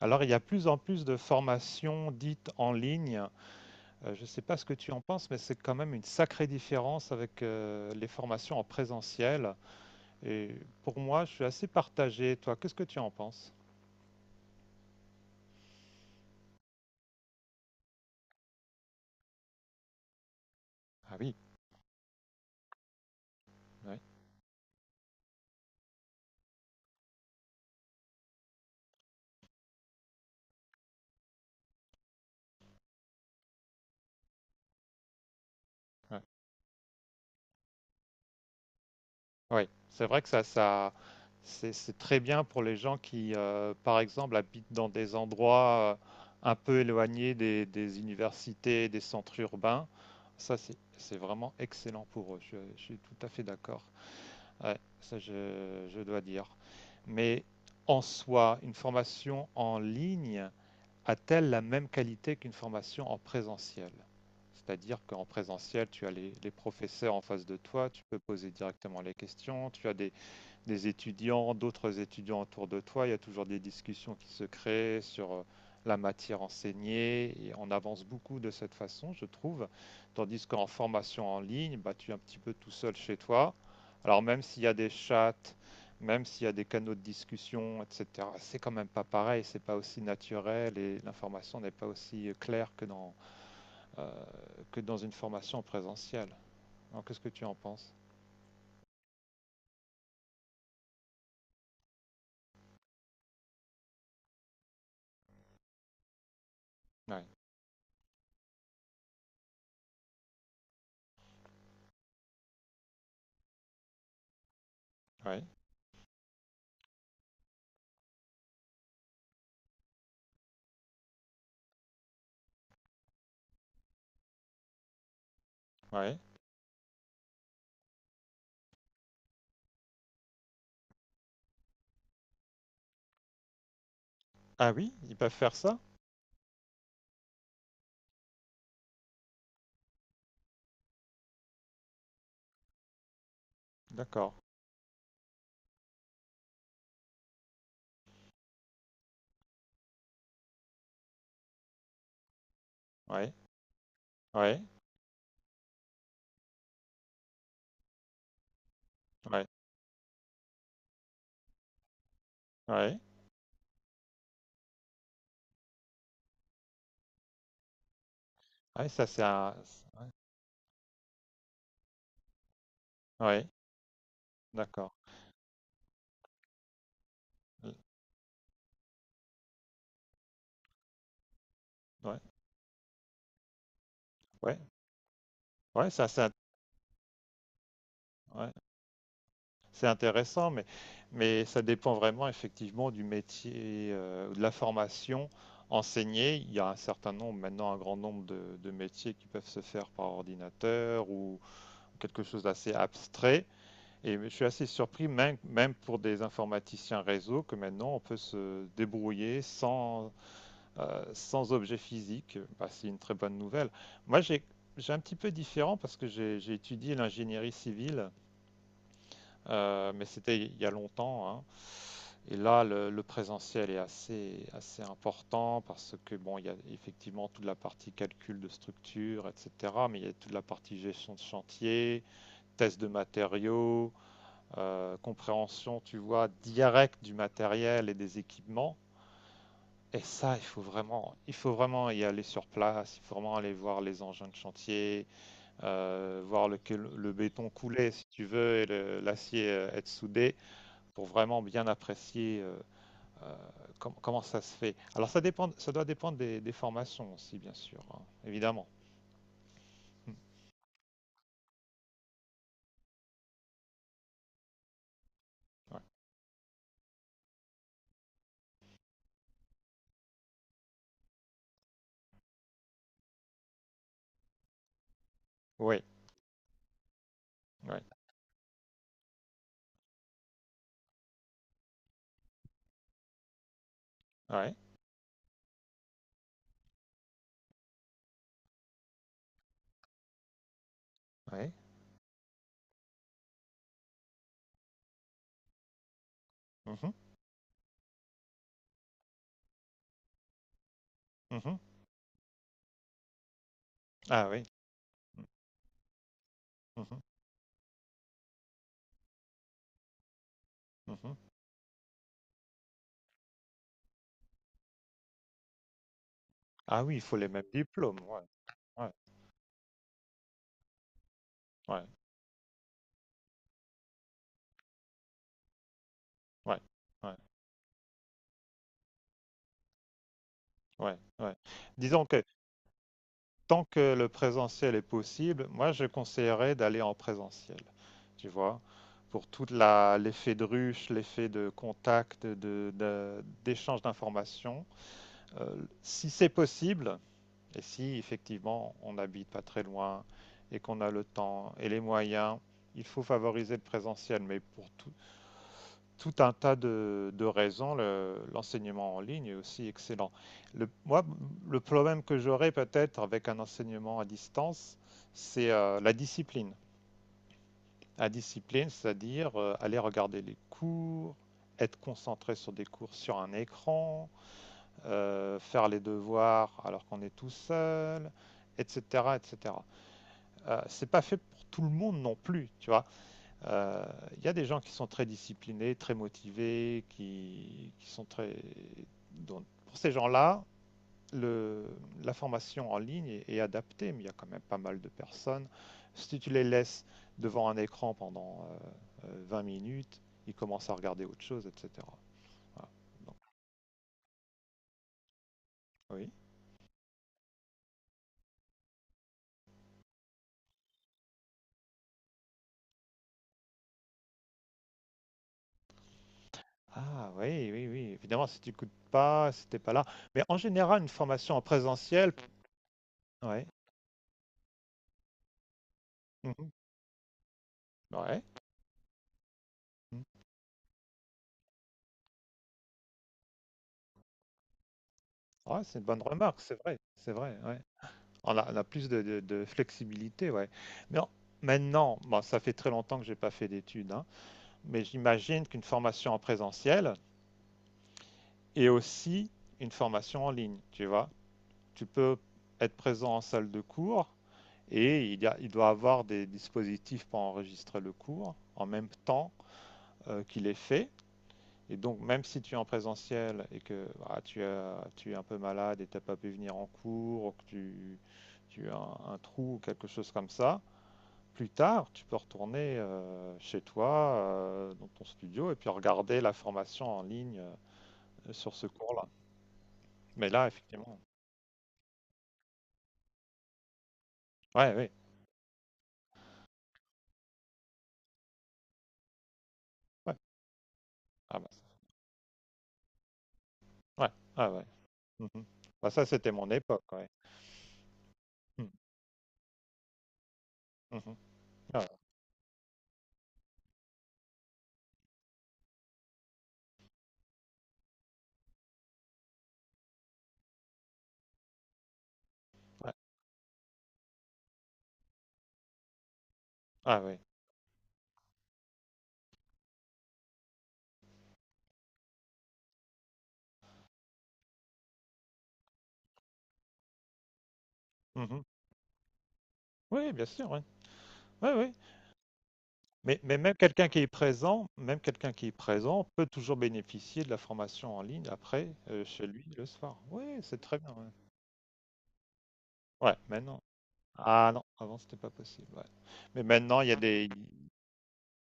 Alors, il y a plus en plus de formations dites en ligne. Je ne sais pas ce que tu en penses, mais c'est quand même une sacrée différence avec les formations en présentiel. Et pour moi, je suis assez partagé. Toi, qu'est-ce que tu en penses? Ah oui, oui, ouais. Oui, c'est vrai que ça, c'est très bien pour les gens qui, par exemple, habitent dans des endroits un peu éloignés des universités, des centres urbains. Ça, c'est vraiment excellent pour eux. Je suis tout à fait d'accord. Ouais, ça je dois dire. Mais en soi, une formation en ligne a-t-elle la même qualité qu'une formation en présentiel? C'est-à-dire qu'en présentiel, tu as les professeurs en face de toi, tu peux poser directement les questions, tu as des étudiants, d'autres étudiants autour de toi. Il y a toujours des discussions qui se créent sur la matière enseignée et on avance beaucoup de cette façon, je trouve. Tandis qu'en formation en ligne, bah, tu es un petit peu tout seul chez toi. Alors même s'il y a des chats, même s'il y a des canaux de discussion, etc., c'est quand même pas pareil, c'est pas aussi naturel et l'information n'est pas aussi claire que euh, que dans une formation présentielle. Alors qu'est-ce que tu en penses? Ouais, ouais, ouais. Ah oui, ils peuvent faire ça? D'accord. Ouais, ouais, ouais, ouais. Ouais, ça c'est un... Ouais, ouais, d'accord. Euh, Ouais, ouais, ouais, ça ouais, c'est intéressant, mais ça dépend vraiment effectivement du métier, de la formation enseignée. Il y a un certain nombre, maintenant un grand nombre de métiers qui peuvent se faire par ordinateur ou quelque chose d'assez abstrait. Et je suis assez surpris, même, même pour des informaticiens réseau, que maintenant on peut se débrouiller sans sans objet physique, bah, c'est une très bonne nouvelle. Moi, j'ai un petit peu différent parce que j'ai étudié l'ingénierie civile, mais c'était il y a longtemps, hein. Et là, le présentiel est assez important parce que, bon, il y a effectivement toute la partie calcul de structure, etc. Mais il y a toute la partie gestion de chantier, test de matériaux, compréhension, tu vois, directe du matériel et des équipements. Et ça, il faut vraiment y aller sur place, il faut vraiment aller voir les engins de chantier, voir le béton couler si tu veux et l'acier être soudé pour vraiment bien apprécier euh, comment ça se fait. Alors ça dépend, ça doit dépendre des formations aussi, bien sûr, hein, évidemment. Mm. Ouais. Oui, oui, oui, oui. Mhm, mhm. Ah oui. Mm, mhm, mhm. Ah oui, il faut les mêmes diplômes. Ouais, ouais, ouais, ouais, ouais, ouais, ouais. Disons que tant que le présentiel est possible, moi je conseillerais d'aller en présentiel, tu vois, pour toute l'effet de ruche, l'effet de contact, d'échange d'informations. Euh, Si c'est possible, et si effectivement on n'habite pas très loin et qu'on a le temps et les moyens, il faut favoriser le présentiel, mais pour tout un tas de raisons, l'enseignement en ligne est aussi excellent. Moi, le problème que j'aurais peut-être avec un enseignement à distance, c'est la discipline. La discipline, c'est-à-dire aller regarder les cours, être concentré sur des cours sur un écran, faire les devoirs alors qu'on est tout seul, etc., etc. C'est pas fait pour tout le monde non plus, tu vois. Euh, Il y a des gens qui sont très disciplinés, très motivés, qui sont très. Donc, pour ces gens-là, le- la formation en ligne est adaptée, mais il y a quand même pas mal de personnes. Si tu les laisses devant un écran pendant 20 minutes, ils commencent à regarder autre chose, etc. Voilà. Oui. Ah oui, oui, oui. Évidemment, si tu n'écoutes pas, si t'es pas là. Mais en général, une formation en présentiel, ouais. Mhm. Ouais. Mhm. Ouais, c'est une bonne remarque, c'est vrai, ouais. On a plus de, de flexibilité, ouais. Mais maintenant, bon, ça fait très longtemps que j'ai pas fait d'études, hein, mais j'imagine qu'une formation en présentiel est aussi une formation en ligne, tu vois. Tu peux être présent en salle de cours et il doit avoir des dispositifs pour enregistrer le cours en même temps qu'il est fait. Et donc, même si tu es en présentiel et que ah, tu es un peu malade et tu n'as pas pu venir en cours, ou que tu as un trou ou quelque chose comme ça, plus tard, tu peux retourner chez toi, dans ton studio, et puis regarder la formation en ligne sur ce cours-là. Mais là, effectivement. Ouais, oui. Ouais. Ah bah, ça- ouais. Ah ouais. Mhm. Bah, ça, c'était mon époque, ouais. Mm. Mhm. Ah, ouais, ouais. Ah oui. Mhm. Oui, bien sûr, ouais. Oui, oui. Mais même quelqu'un qui est présent, même quelqu'un qui est présent peut toujours bénéficier de la formation en ligne après, chez lui, le soir. Oui, c'est très bien. Ouais, ouais, maintenant. Ah non, avant c'était pas possible, ouais. Mais maintenant il y a des.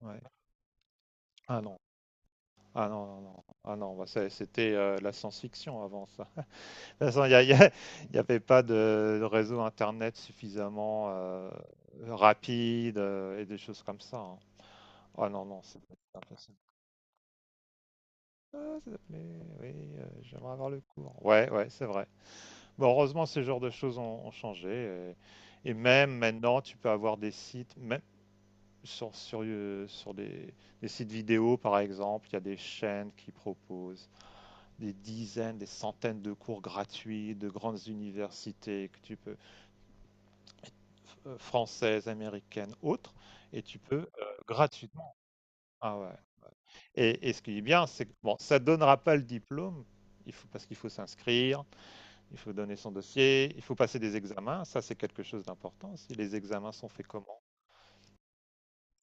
Ouais. Ah non, ah non, non, non. Ah non, bah, c'était la science-fiction avant ça. De toute façon, il y avait pas de réseau internet suffisamment rapide et des choses comme ça, hein. Ah non, non, c'est impossible. Ah, s'il te plaît, oui, j'aimerais avoir le cours. Ouais, ouais, c'est vrai. Bon, heureusement, ces genres de choses ont changé. Et même maintenant, tu peux avoir des sites. Sur des sites vidéo, par exemple, il y a des chaînes qui proposent des dizaines, des centaines de cours gratuits de grandes universités que tu peux, françaises, américaines, autres, et tu peux gratuitement. Ah ouais. Et ce qui est bien, c'est que bon, ça ne donnera pas le diplôme, il faut, parce qu'il faut s'inscrire, il faut donner son dossier, il faut passer des examens. Ça, c'est quelque chose d'important. Si les examens sont faits comment?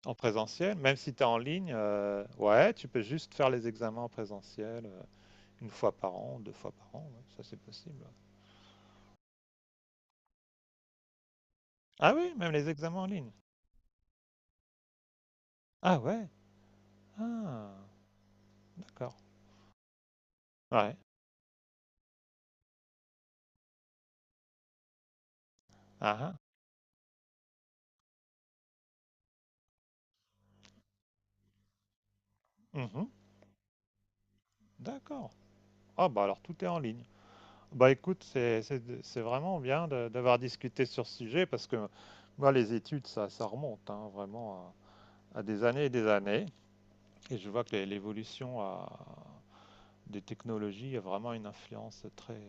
En présentiel, même si tu es en ligne, ouais, tu peux juste faire les examens en présentiel une fois par an, deux fois par an, ouais, ça c'est possible. Ah oui, même les examens en ligne. Ah ouais, ah, d'accord. Ouais, ah, ah, mhm, d'accord. Ah bah alors tout est en ligne. Bah écoute, c'est vraiment bien d'avoir discuté sur ce sujet parce que moi les études, ça remonte hein, vraiment à des années. Et je vois que l'évolution a, des technologies a vraiment une influence très,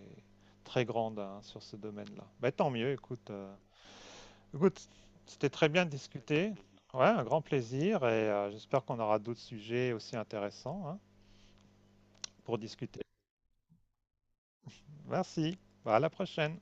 très grande hein, sur ce domaine-là. Bah, tant mieux, écoute. Écoute, C'était très bien de discuter. Ouais, un grand plaisir et j'espère qu'on aura d'autres sujets aussi intéressants hein, pour discuter. Merci, bah, à la prochaine.